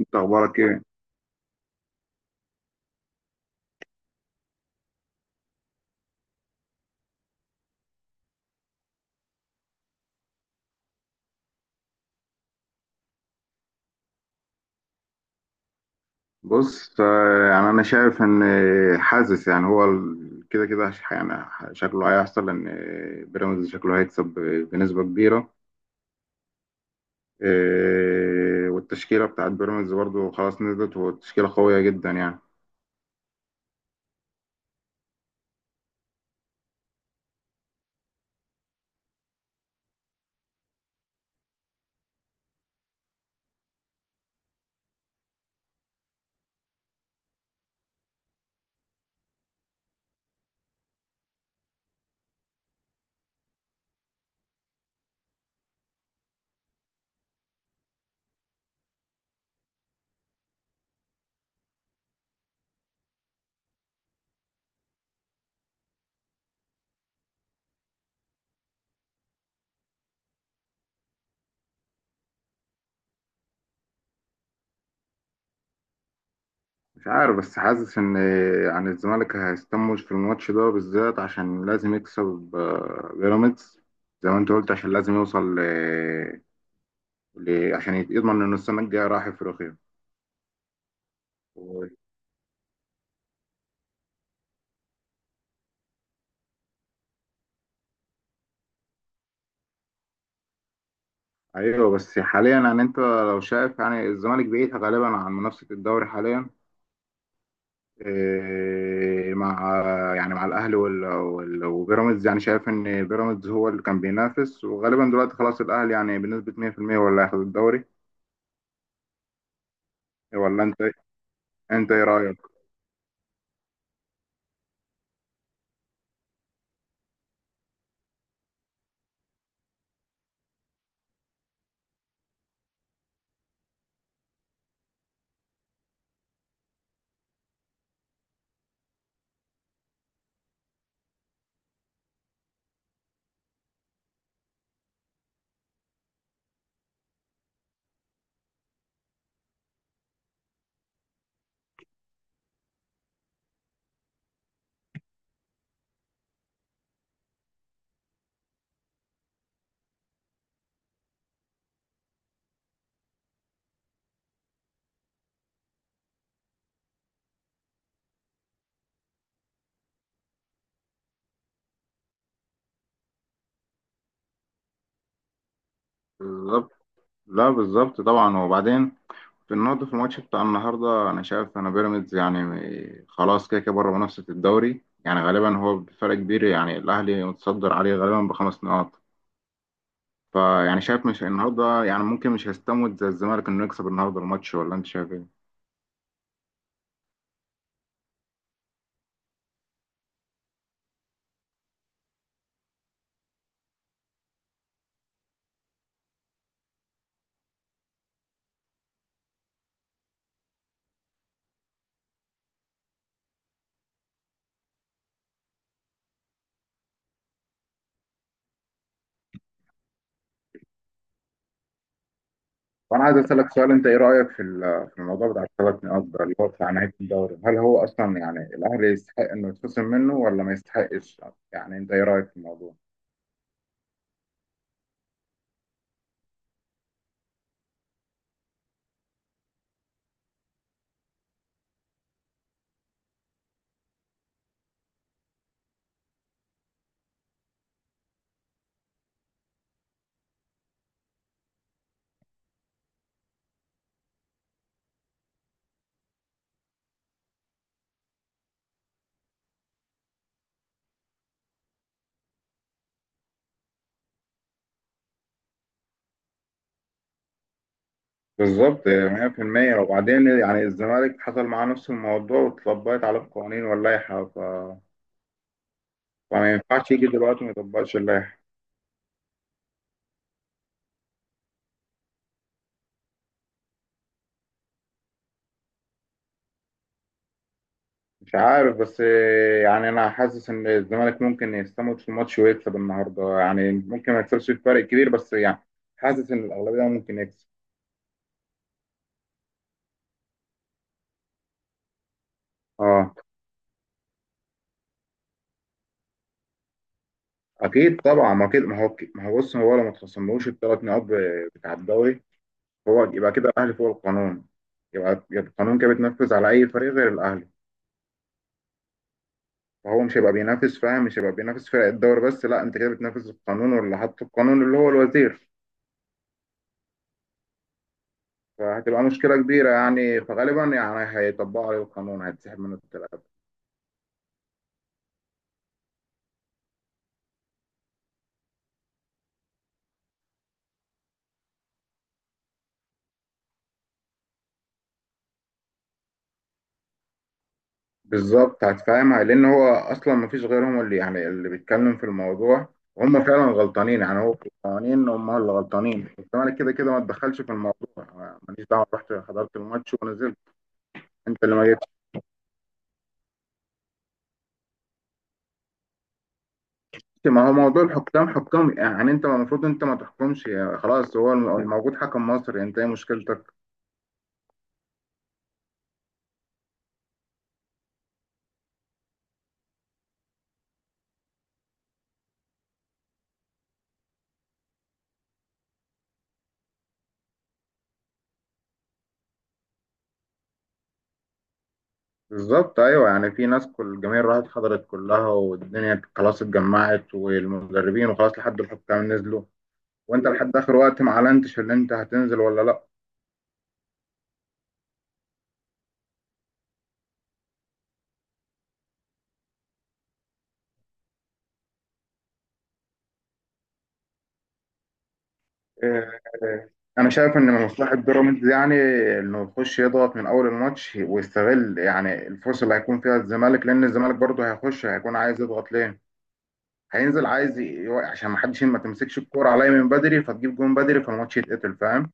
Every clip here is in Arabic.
انت اخبارك ايه؟ بص، يعني انا شايف ان حاسس يعني هو ال- كده كده ش- يعني ح- شكله هيحصل ان بيراميدز شكله هيكسب بنسبة كبيرة. والتشكيلة بتاعت بيراميدز برضو خلاص نزلت، والتشكيلة قوية جدا يعني. مش عارف بس حاسس ان يعني الزمالك هيستموش في الماتش ده بالذات عشان لازم يكسب. بيراميدز زي ما انت قلت عشان لازم يوصل عشان يضمن انه السنة الجاية رايح افريقيا. ايوه بس حاليا يعني انت لو شايف يعني الزمالك بعيد غالبا عن منافسه الدوري حاليا. إيه مع يعني مع الاهلي وبيراميدز، يعني شايف ان بيراميدز هو اللي كان بينافس، وغالبا دلوقتي خلاص الاهلي يعني بنسبه 100% ولا هياخد الدوري؟ ولا انت ايه رايك؟ بالظبط. لا بالظبط طبعا. وبعدين في النهارده، في الماتش بتاع النهارده، انا شايف انا بيراميدز يعني خلاص كده كده بره منافسه الدوري، يعني غالبا هو بفرق كبير، يعني الاهلي متصدر عليه غالبا بخمس نقاط. فيعني شايف مش النهارده، يعني ممكن مش هيستموت زي الزمالك انه يكسب النهارده الماتش، ولا انت شايف ايه؟ وانا عايز اسالك سؤال، انت ايه رايك في في الموضوع بتاع الثلاث نقاط ده، اللي هو بتاع نهايه الدوري؟ هل هو اصلا يعني الاهلي يستحق انه يتخصم منه ولا ما يستحقش؟ يعني انت ايه رايك في الموضوع؟ بالظبط 100%. وبعدين يعني الزمالك حصل معاه نفس الموضوع واتطبقت عليه القوانين واللائحه، فما ينفعش يجي دلوقتي ما يطبقش اللائحه. مش عارف بس، يعني انا حاسس ان الزمالك ممكن يستموت في الماتش ويكسب النهارده، يعني ممكن ما يكسبش بفرق كبير بس يعني حاسس ان الاغلبيه ممكن يكسب. اه اكيد طبعا. ما هو بص، هو لو ما تخصملوش الثلاث نقاط بتاع الدوري، هو يبقى كده الاهلي فوق القانون، يبقى القانون كده بتنفذ على اي فريق غير الاهلي. فهو مش هيبقى بينافس، فاهم؟ مش هيبقى بينافس فرق الدوري بس، لا انت كده بتنافس القانون واللي حط القانون اللي هو الوزير. فهتبقى مشكلة كبيرة يعني، فغالبا يعني هيطبقوا عليه القانون هيتسحب منه التلاتة. بالظبط هتفهمها، لأن هو أصلا مفيش غيرهم اللي يعني اللي بيتكلم في الموضوع. وهم فعلا غلطانين، يعني هو في القوانين هم اللي غلطانين، الزمالك كده كده ما تدخلش في الموضوع، أنا ماليش دعوة، رحت حضرت الماتش ونزلت. أنت اللي ما جيتش. ما هو موضوع الحكام حكام، يعني أنت المفروض أنت ما تحكمش يعني، خلاص هو الموجود حكم مصري، أنت إيه مشكلتك؟ بالظبط ايوه، يعني في ناس كل الجماهير راحت حضرت كلها، والدنيا خلاص اتجمعت، والمدربين، وخلاص لحد الحكام نزلوا، وانت لحد اخر وقت ما اعلنتش اللي انت هتنزل ولا لا. إيه، انا شايف ان من مصلحه بيراميدز يعني انه يخش يضغط من اول الماتش، ويستغل يعني الفرصه اللي هيكون فيها الزمالك، لان الزمالك برضه هيخش هيكون عايز يضغط ليه. هينزل عايز يوقع عشان ما حدش ما تمسكش الكوره عليا من بدري فتجيب جون بدري فالماتش يتقتل، فاهم؟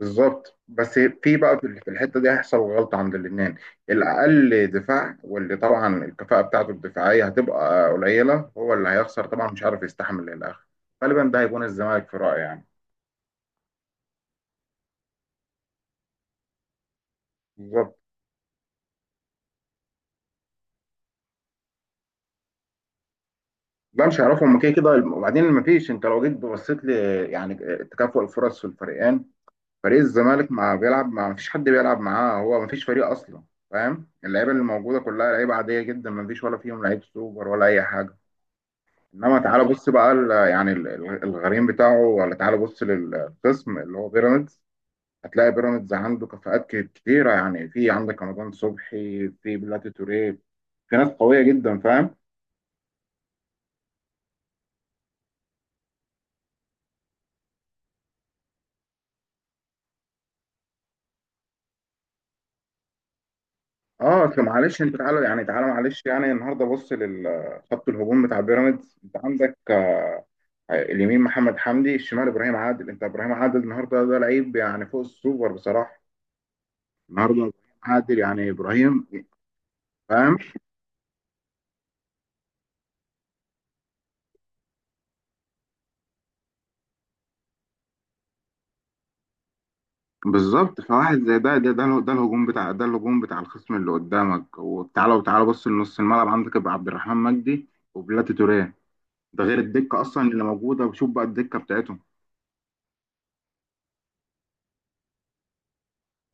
بالظبط. بس في بقى، في الحته دي هيحصل غلطه عند الاثنين. الاقل دفاع واللي طبعا الكفاءه بتاعته الدفاعيه هتبقى قليله هو اللي هيخسر طبعا، مش عارف يستحمل للاخر. غالبا ده هيكون الزمالك في رايي يعني. بالظبط. لا مش هيعرفوا هم كده كده. وبعدين ما فيش، انت لو جيت بصيت ل يعني تكافؤ الفرص في الفريقين، فريق الزمالك ما بيلعب، ما فيش حد بيلعب معاه، هو ما فيش فريق اصلا، فاهم؟ اللعيبه اللي موجوده كلها لعيبه عاديه جدا، ما فيش ولا فيهم لعيب سوبر ولا اي حاجه. انما تعالى بص بقى الغريم بتاعه، ولا تعالى بص للقسم اللي هو بيراميدز، هتلاقي بيراميدز عنده كفاءات كتيره، يعني في عندك رمضان صبحي، في بلاتي توريه، في ناس قويه جدا، فاهم؟ اه اصل معلش انت تعالى، يعني تعالى معلش يعني، النهارده بص للخط الهجوم بتاع بيراميدز، انت عندك اليمين محمد حمدي، الشمال ابراهيم عادل، انت ابراهيم عادل النهارده ده لعيب يعني فوق السوبر بصراحه. النهارده ابراهيم عادل، يعني ابراهيم، فاهم؟ بالظبط. فواحد زي ده, الهجوم بتاع، ده الهجوم بتاع الخصم اللي قدامك. وتعالى، وتعالى بص لنص الملعب، عندك يبقى عبد الرحمن مجدي وبلاتي توريه. ده غير الدكه اصلا اللي موجوده، وشوف بقى الدكه بتاعتهم.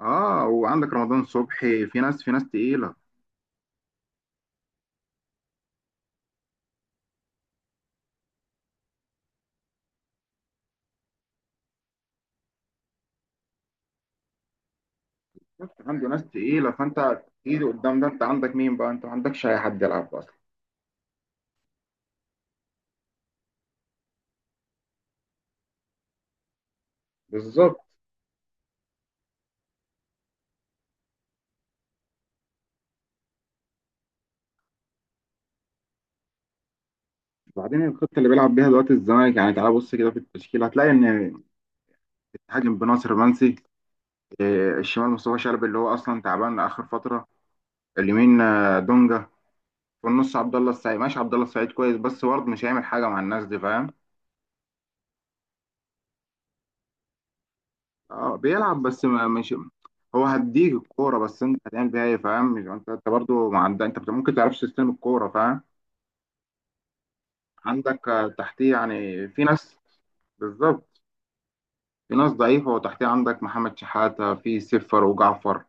اه وعندك رمضان صبحي، في ناس، في ناس تقيله. شفت عنده ناس تقيله، فانت ايد قدام ده، انت عندك مين بقى؟ انت ما عندكش اي حد يلعب اصلا. بالظبط. بعدين الخطه اللي بيلعب بيها دلوقتي الزمالك يعني، تعالى بص كده في التشكيل هتلاقي ان بتهاجم بناصر منسي، الشمال مصطفى شلبي اللي هو اصلا تعبان اخر فتره، اليمين دونجا، في النص عبد الله السعيد. ماشي عبد الله السعيد كويس، بس برضه مش هيعمل حاجه مع الناس دي، فاهم؟ اه بيلعب بس ما مش، هو هديك الكوره بس انت هتعمل بيها ايه، فاهم؟ انت برضه ما عندك، انت ممكن تعرفش تستلم الكوره، فاهم؟ عندك تحتيه يعني في ناس. بالظبط. في ناس ضعيفه، وتحتيه عندك محمد شحاته في سفر وجعفر.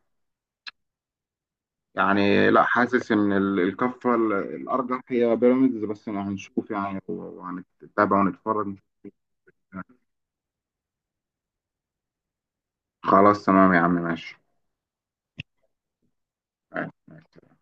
يعني لا، حاسس ان الكفه الارجح هي بيراميدز، بس هنشوف يعني وهنتابع ونتفرج. خلاص تمام يا عم، ماشي. معاك معاك.